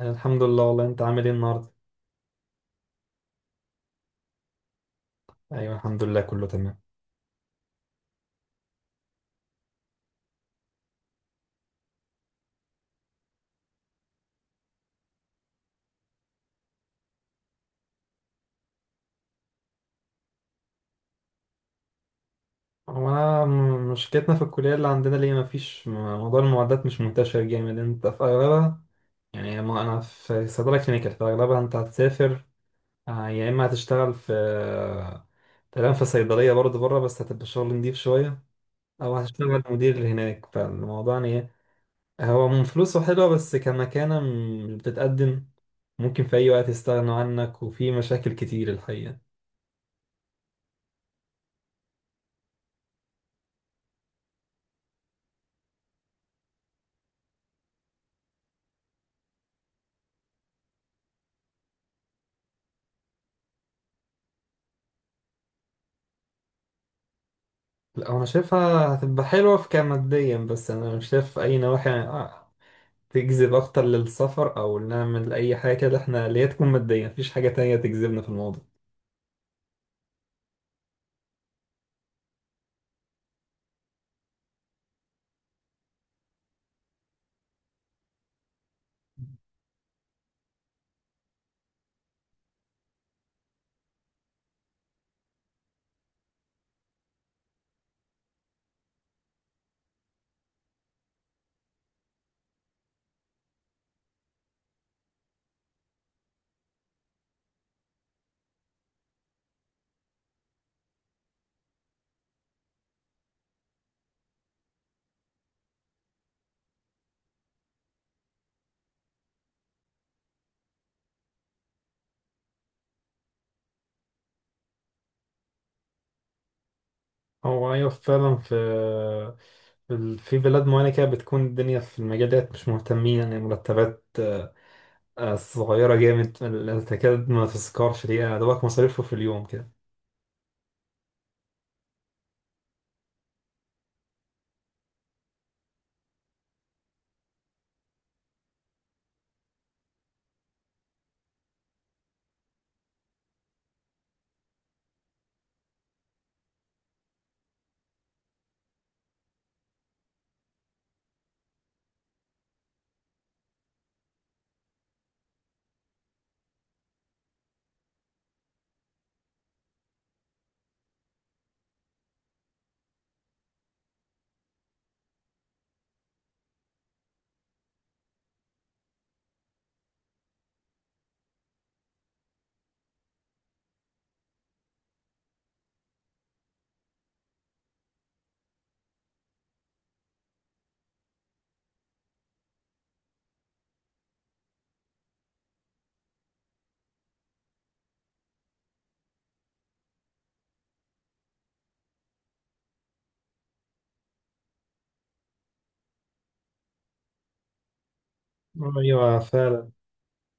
أنا الحمد لله، والله انت عامل ايه النهارده؟ ايوه الحمد لله كله تمام. هو انا مشكلتنا في الكليه اللي عندنا، ليه مفيش موضوع المعدات مش منتشر جامد انت في اغلبها. يعني ما انا في صيدله كلينيكال، في اغلبها انت هتسافر، يا اما هتشتغل في تمام، في صيدليه برضه بره، بس هتبقى شغل نضيف شويه، او هتشتغل مدير هناك. فالموضوع يعني ايه؟ هو من فلوسه حلوه بس كمكانه بتتقدم، ممكن في اي وقت يستغنوا عنك، وفي مشاكل كتير الحقيقه. لا، انا شايفها هتبقى حلوة في كماديا، بس انا مش شايف اي نواحي تجذب اكتر للسفر، او نعمل اي حاجة كده احنا اللي هي تكون مادية. مفيش حاجة تانية تجذبنا في الموضوع. هو ايوه فعلا، في بلاد معينة كده بتكون الدنيا في المجال ده مش مهتمين. يعني مرتبات صغيرة جامد، تكاد ما تذكرش. دي يعني دوبك مصاريفه في اليوم كده. ايوه فعلا.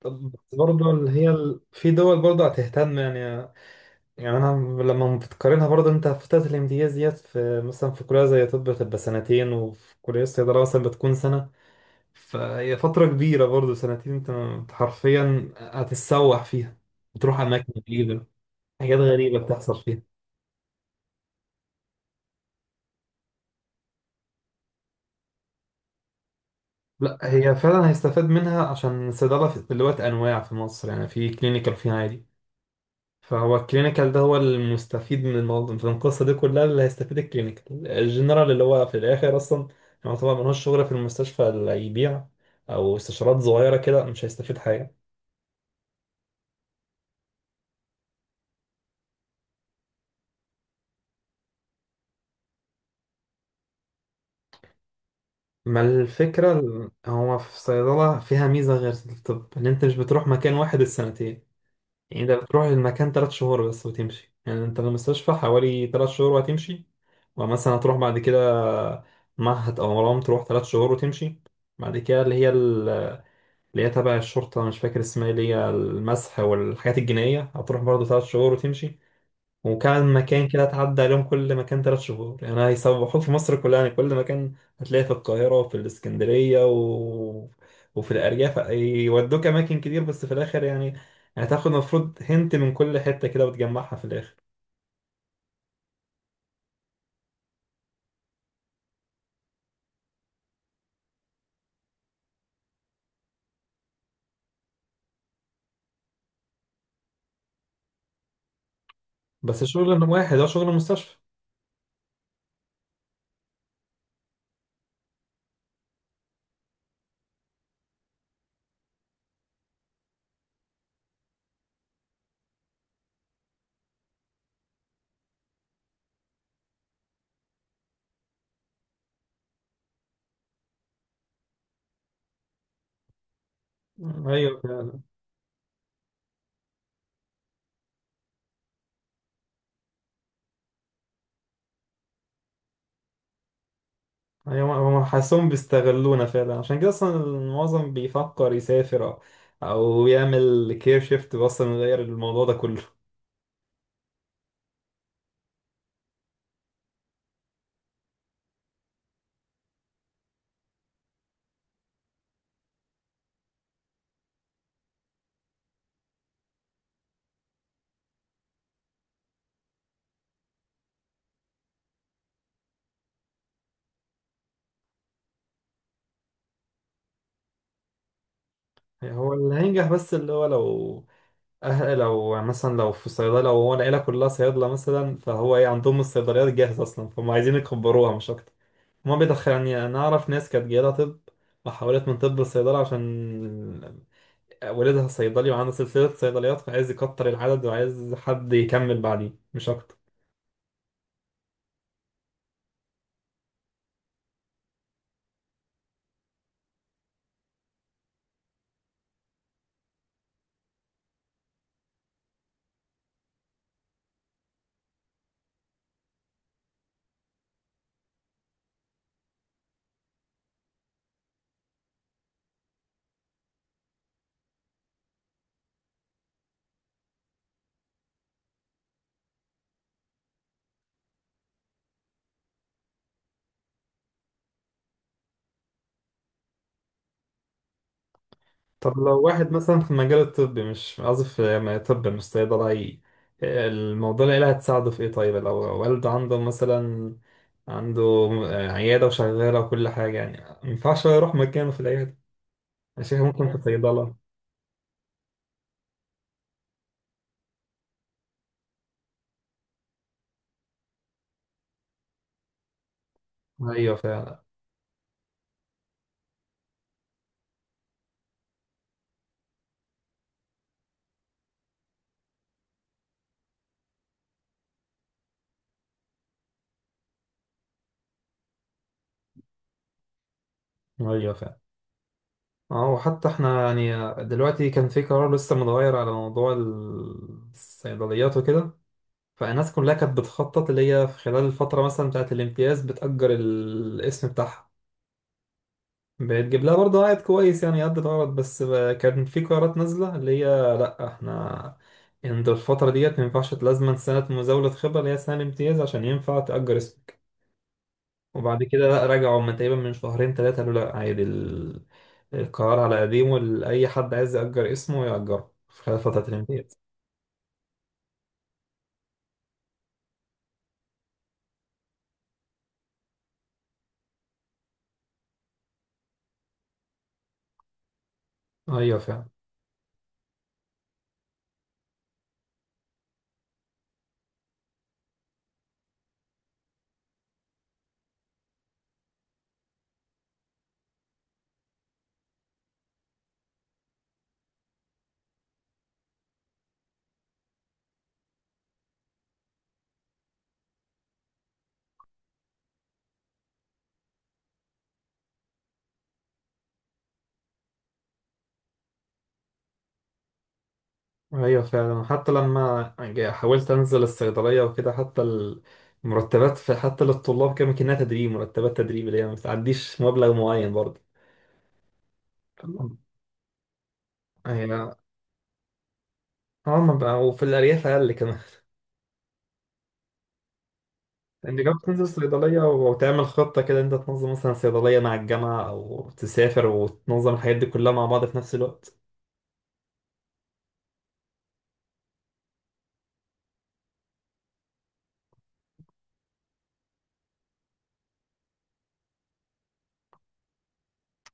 طب برضه اللي هي في دول برضه هتهتم. يعني انا لما بتقارنها برضه، انت فترة الامتياز ديت، في مثلا في كلية زي طب بتبقى سنتين، وفي كلية الصيدلة مثلا بتكون سنة. فهي فترة كبيرة برضه سنتين، أنت حرفيا هتتسوح فيها، بتروح اماكن جديدة. حاجات غريبة بتحصل فيها. لا، هي فعلا هيستفاد منها، عشان الصيدلة دلوقتي انواع في مصر، يعني في كلينيكال وفي عادي. فهو الكلينيكال ده هو المستفيد من الموضوع، من القصة دي كلها اللي هيستفيد، الكلينيكال الجنرال اللي هو في الآخر أصلا. يعني طبعا ملوش شغل في المستشفى. اللي يبيع أو استشارات صغيرة كده مش هيستفيد حاجة. ما الفكرة هو في صيدلة فيها ميزة غير الطب، إن أنت مش بتروح مكان واحد السنتين. يعني أنت بتروح المكان تلات شهور بس وتمشي، يعني أنت في المستشفى حوالي تلات شهور وهتمشي. ومثلا هتروح بعد كده معهد أو مرام، تروح تلات شهور وتمشي. بعد كده اللي هي تبع الشرطة، مش فاكر اسمها إيه، اللي هي المسح والحاجات الجنائية، هتروح برضه تلات شهور وتمشي. وكان مكان كده تعدى عليهم، كل مكان تلات شهور. يعني هيسوحوك في مصر كلها، يعني كل مكان هتلاقي في القاهرة وفي الإسكندرية و وفي الأرياف، يودوك أماكن كتير. بس في الآخر يعني، هتاخد المفروض هنت من كل حتة كده وتجمعها في الآخر. بس شغل واحد، هو شغل مستشفى. أيوه. أيوة، هم حاسسهم بيستغلونا فعلا. عشان كده اصلا المعظم بيفكر يسافر او يعمل كير شيفت، بس انه يغير الموضوع ده كله. يعني هو اللي هينجح، بس اللي هو لو، أهل لو مثلا، لو في صيدلة، لو هو العيلة كلها صيادلة مثلا، فهو ايه عندهم الصيدليات جاهزة أصلا، فهم عايزين يكبروها مش أكتر. هما بيدخل يعني، أنا أعرف ناس كانت جايلها طب، وحولت من طب لصيدلة عشان والدها صيدلي وعنده سلسلة صيدليات، فعايز يكتر العدد وعايز حد يكمل بعديه مش أكتر. طب لو واحد مثلا في المجال الطبي، مش قصدي في طب، مش صيدلة، الموضوع العيلة هتساعده في ايه؟ طيب لو والده عنده مثلا، عنده عيادة وشغالة وكل حاجة، يعني مينفعش يروح مكانه في العيادة؟ عشان كده ممكن في لازم صيدلة. أيوة فعلا. أيوة فعلا. اه، وحتى احنا يعني دلوقتي كان في قرار لسه متغير على موضوع الصيدليات وكده، فالناس كلها كانت بتخطط اللي هي في خلال الفترة مثلا بتاعت الامتياز بتأجر الاسم بتاعها، بتجيب لها برضه عائد كويس، يعني قد الغرض. بس كان في قرارات نازلة اللي هي، لأ احنا عند الفترة ديت ما ينفعش، لازما سنة مزاولة خبرة اللي هي سنة امتياز عشان ينفع تأجر اسمك. وبعد كده لأ، رجعوا من تقريبا من شهرين تلاتة، قالوا لأ عادي، القرار على قديمه، أي حد عايز يأجر اسمه يأجره في خلال فترة الامتياز. أيوة فعلا. ايوه فعلا، حتى لما حاولت انزل الصيدليه وكده، حتى المرتبات، في حتى للطلاب، كان كأنها تدريب، مرتبات تدريب اللي هي ما بتعديش مبلغ معين برضه. تمام. هي، اه ما بقى، وفي الارياف اقل كمان. انت جربت تنزل صيدليه وتعمل خطه كده، انت تنظم مثلا صيدليه مع الجامعه او تسافر وتنظم الحاجات دي كلها مع بعض في نفس الوقت؟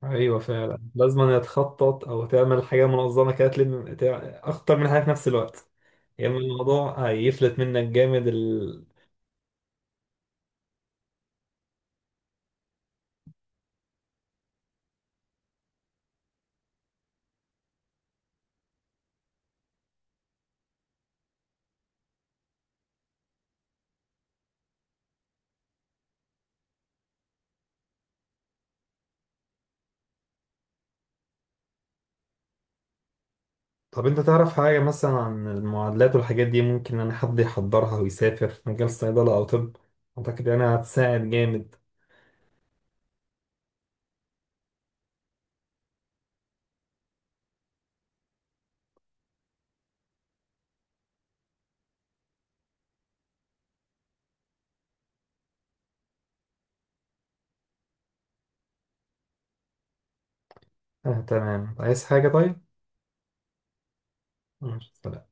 ايوه فعلا، لازم أن تخطط او تعمل حاجه منظمه كده، تلم اكتر من حاجه في نفس الوقت. يا اما الموضوع هيفلت منك جامد. طب انت تعرف حاجة مثلا عن المعادلات والحاجات دي، ممكن ان حد يحضرها ويسافر في مجال صيدلة او طب؟ اعتقد انها هتساعد جامد. آه تمام، عايز حاجة طيب؟ ماشي، سلام.